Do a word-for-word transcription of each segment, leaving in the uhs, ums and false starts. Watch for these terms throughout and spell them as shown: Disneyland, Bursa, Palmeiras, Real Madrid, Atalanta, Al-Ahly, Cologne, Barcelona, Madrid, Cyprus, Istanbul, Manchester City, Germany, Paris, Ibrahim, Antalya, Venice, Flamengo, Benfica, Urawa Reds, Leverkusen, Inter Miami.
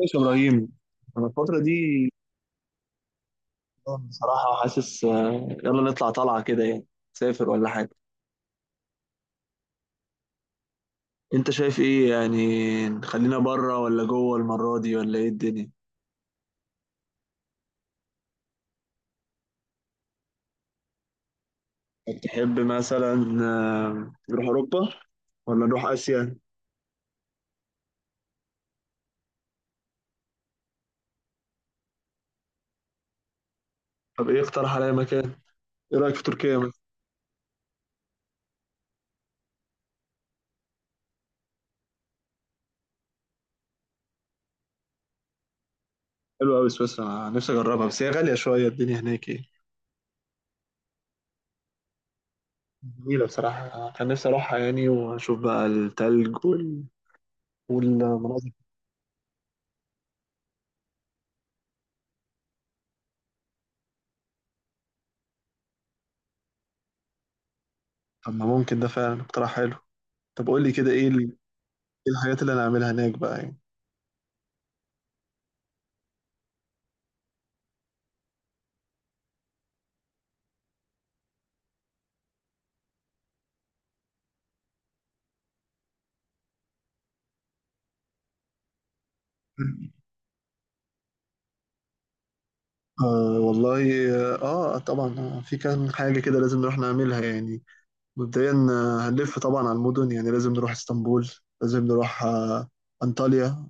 ماشي يا ابراهيم. انا الفتره دي بصراحه حاسس، آه، يلا نطلع طلعه كده يعني. سافر ولا حاجه. انت شايف ايه؟ يعني خلينا بره ولا جوه المره دي؟ ولا ايه الدنيا؟ تحب مثلا آه، نروح اوروبا ولا نروح اسيا؟ طب ايه، اقترح عليا مكان. ايه رايك في تركيا مثلا؟ حلوه قوي سويسرا، أنا نفسي اجربها بس هي غاليه شويه الدنيا هناك ايه. جميله بصراحه، كان نفسي اروحها يعني واشوف بقى التلج وال... والمناظر. طب ما ممكن، ده فعلا اقتراح حلو. طب قول لي كده ايه. إيه الحاجات اللي انا اعملها هناك بقى يعني؟ آه والله. اه طبعا، آه، في كام حاجة كده لازم نروح نعملها يعني. مبدئيا آه، هنلف طبعا على المدن، يعني لازم نروح اسطنبول. لازم نروح آه انطاليا.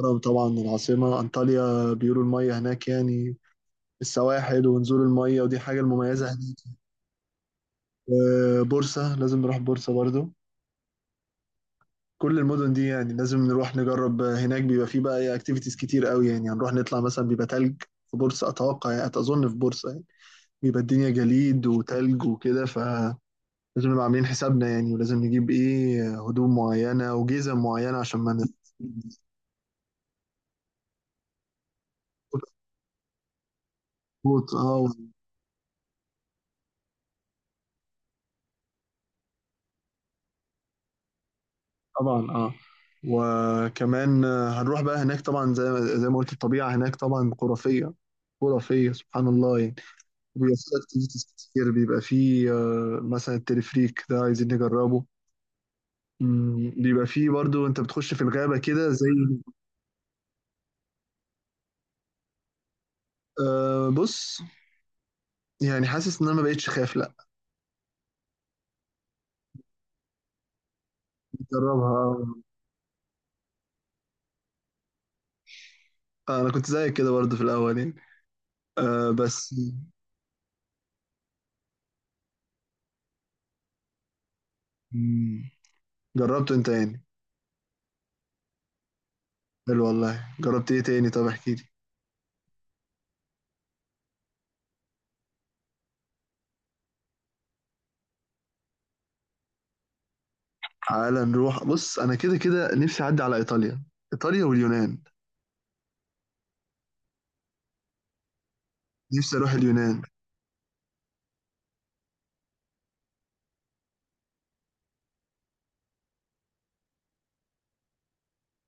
الهرم طبعا العاصمة انطاليا، بيقولوا المية هناك يعني السواحل ونزول المية، ودي حاجة المميزة هناك. آه، بورصة، لازم نروح بورصة برضو. كل المدن دي يعني لازم نروح نجرب. هناك بيبقى فيه بقى اكتيفيتيز كتير قوي، يعني هنروح نطلع مثلا بيبقى تلج في بورصة اتوقع، يعني اظن في بورصة يعني. بيبقى الدنيا جليد وتلج وكده، فلازم نبقى عاملين حسابنا يعني، ولازم نجيب ايه هدوم معينة وجزم معينة عشان ما نتفوت. اه طبعا. اه وكمان آه، هنروح بقى هناك طبعا زي ما زي ما قلت، الطبيعة هناك طبعا خرافية خرافية، سبحان الله يعني. بيبقى فيه اكتيفيتيز كتير، بيبقى فيه آه، مثلا التلفريك ده عايزين نجربه. مم، بيبقى فيه برضو انت بتخش في الغابة كده زي... أه بص، يعني حاسس ان انا ما بقتش خايف لا. جربها. آه، انا كنت زيك كده برضو في الاول يعني. أه، بس. مم، جربته انت يعني؟ حلو والله. جربت ايه تاني؟ طب احكي لي. تعالى نروح. بص، انا كده كده نفسي اعدي على ايطاليا، ايطاليا واليونان. نفسي اروح اليونان.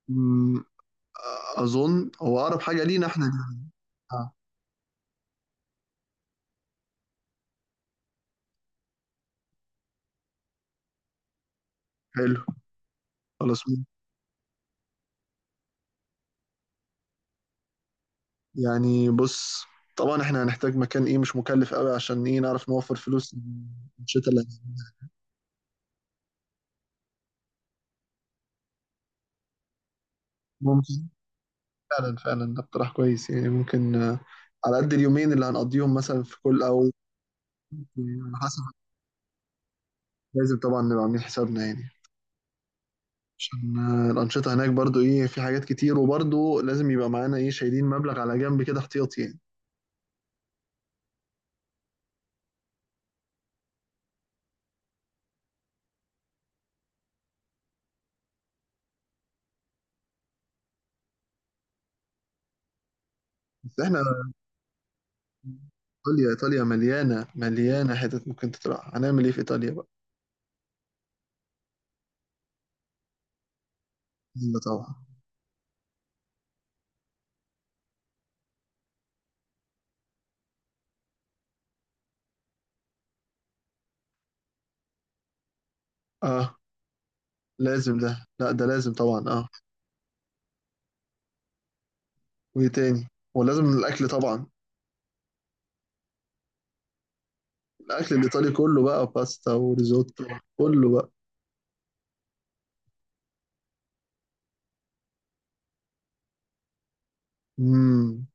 مم، اظن هو اقرب حاجة لينا احنا دي. آه، حلو. خلاص يعني، بص طبعا احنا هنحتاج مكان ايه مش مكلف قوي عشان ايه نعرف نوفر فلوس الشتاء اللي هنعملها. ممكن. فعلا فعلا ده اقتراح كويس يعني. ممكن آه، على قد اليومين اللي هنقضيهم مثلا في كل، او على حسب. لازم طبعا نبقى عاملين حسابنا يعني، عشان آه، الأنشطة هناك برضو ايه، في حاجات كتير، وبرضو لازم يبقى معانا ايه شايلين مبلغ على جنب كده احتياطي يعني. بس احنا، ايطاليا ايطاليا مليانة مليانة حتت، ممكن تطلع. هنعمل ايه في ايطاليا بقى؟ يلا طبعا، اه لازم. ده، لا ده لازم طبعا، اه. وايه تاني؟ ولازم الاكل طبعا. الاكل الايطالي كله بقى باستا وريزوتو، كله بقى. امم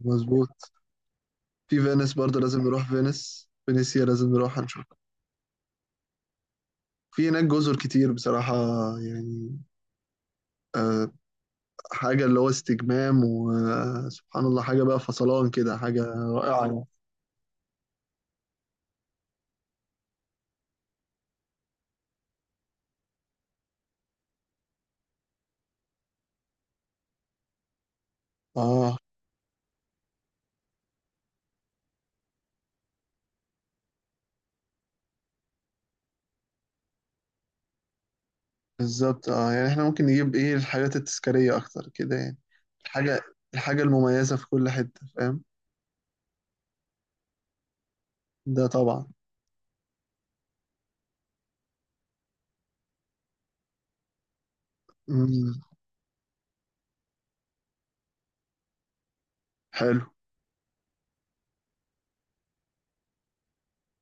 مظبوط. في فينيس برضه لازم نروح فينيس، فينيسيا لازم نروح، هنشوف. في هناك جزر كتير بصراحة يعني. آه حاجة اللي هو استجمام، وسبحان الله، حاجة بقى فصلان كده، حاجة رائعة. اه بالظبط. اه يعني احنا ممكن نجيب ايه الحاجات التذكارية اكتر كده يعني. الحاجة الحاجة المميزة في كل حتة، فاهم؟ ده طبعا. مم. حلو.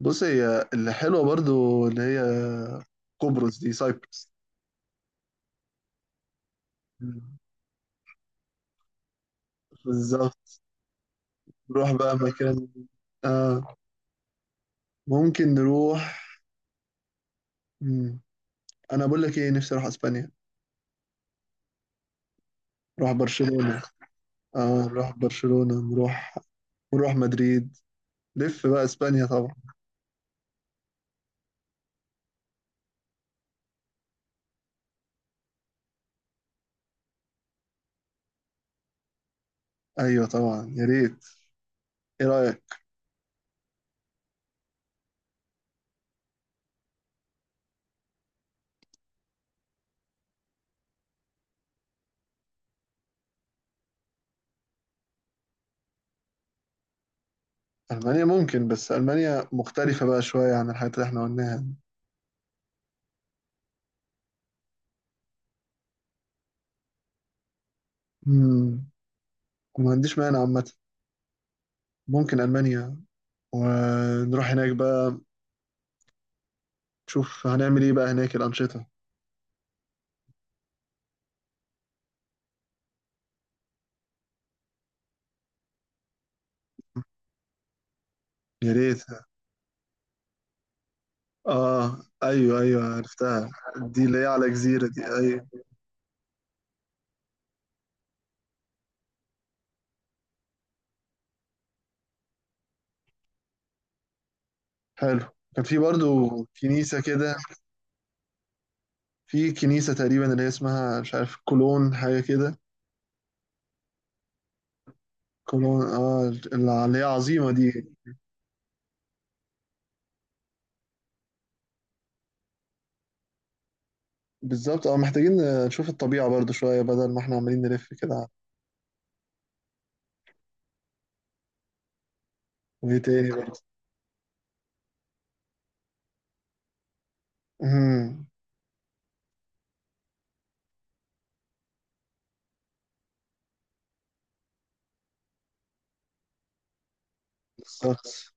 بص، هي اللي حلوة برضو، اللي هي قبرص دي، سايبرس. مم. بالظبط. نروح بقى مكان. آه ممكن نروح. مم. انا بقول لك ايه، نفسي اروح اسبانيا. نروح برشلونة، اه نروح برشلونة، نروح نروح مدريد، لف بقى اسبانيا طبعا. ايوه طبعا، يا ريت. ايه رأيك؟ المانيا ممكن، بس المانيا مختلفة بقى شوية عن الحاجات اللي احنا قلناها. مم. ما عنديش مانع عامة، ممكن المانيا، ونروح هناك بقى. شوف هنعمل ايه بقى هناك الانشطه. يا ريت. اه، ايوه ايوه، عرفتها. دي اللي هي على جزيره دي؟ ايوه. حلو. كان في برضو كنيسه كده، في كنيسه تقريبا اللي هي اسمها مش عارف، كولون حاجه كده. كولون، اه، اللي هي عظيمه دي. بالظبط، اه محتاجين نشوف الطبيعه برضو شويه بدل ما احنا عمالين نلف كده. وايه تاني برضو؟ امم بالظبط،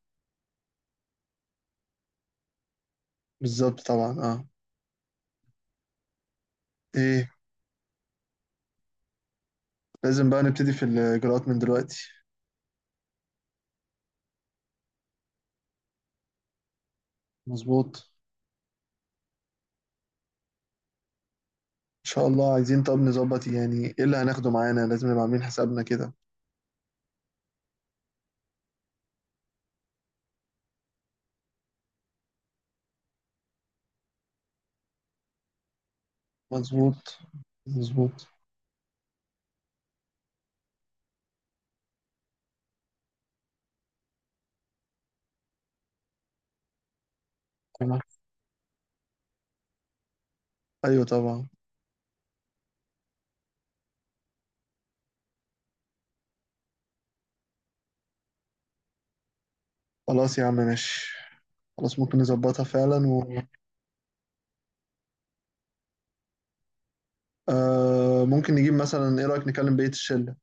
بالظبط طبعا، اه. ايه؟ لازم بقى نبتدي في الاجراءات من دلوقتي. مظبوط. ان شاء الله. عايزين طب نظبط يعني ايه اللي هناخده معانا، لازم نبقى عاملين حسابنا كده. مظبوط، مظبوط. تمام. ايوه طبعا. خلاص يا عم ماشي. خلاص ممكن نظبطها فعلا و... آه ممكن نجيب مثلا، ايه رأيك نكلم بقية الشلة؟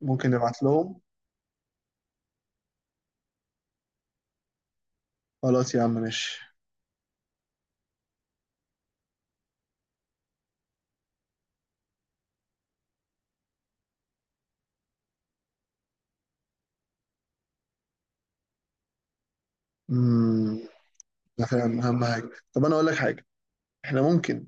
ممكن نبعت لهم. خلاص يا عم ماشي. امم ده فاهم اهم حاجة. طب انا اقول لك حاجة، احنا ممكن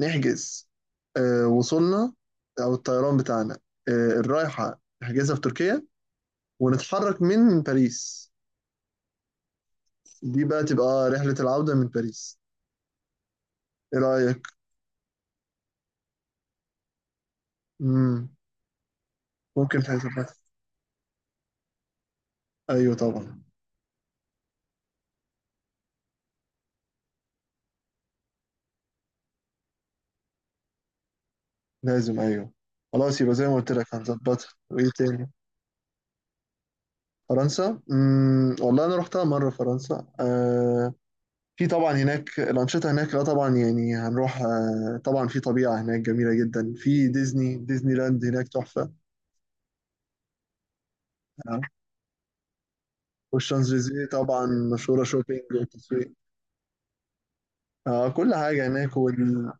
نحجز آه وصولنا، او الطيران بتاعنا، آه الرايحة نحجزها في تركيا، ونتحرك من باريس. دي بقى تبقى رحلة العودة من باريس. ايه رأيك؟ مم. ممكن تظبطها. ايوه طبعا. لازم، ايوه. خلاص يبقى زي ما قلت لك هنظبطها. وايه تاني؟ فرنسا، مم. والله انا رحتها مرة فرنسا آه. في طبعا هناك الأنشطة، هناك لا طبعا يعني هنروح آه. طبعا في طبيعة هناك جميلة جدا، في ديزني ديزني لاند هناك تحفة. آه. والشانزليزيه طبعا، مشهورة شوبينج وتسويق. آه. كل حاجة هناك وال...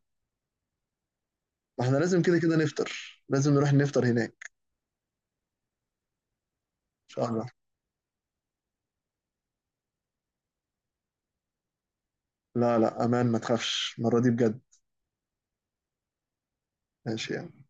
احنا لازم كده كده نفطر، لازم نروح نفطر هناك. إن شاء الله. لا لا، امان ما تخافش المره دي بجد. ماشي يعني.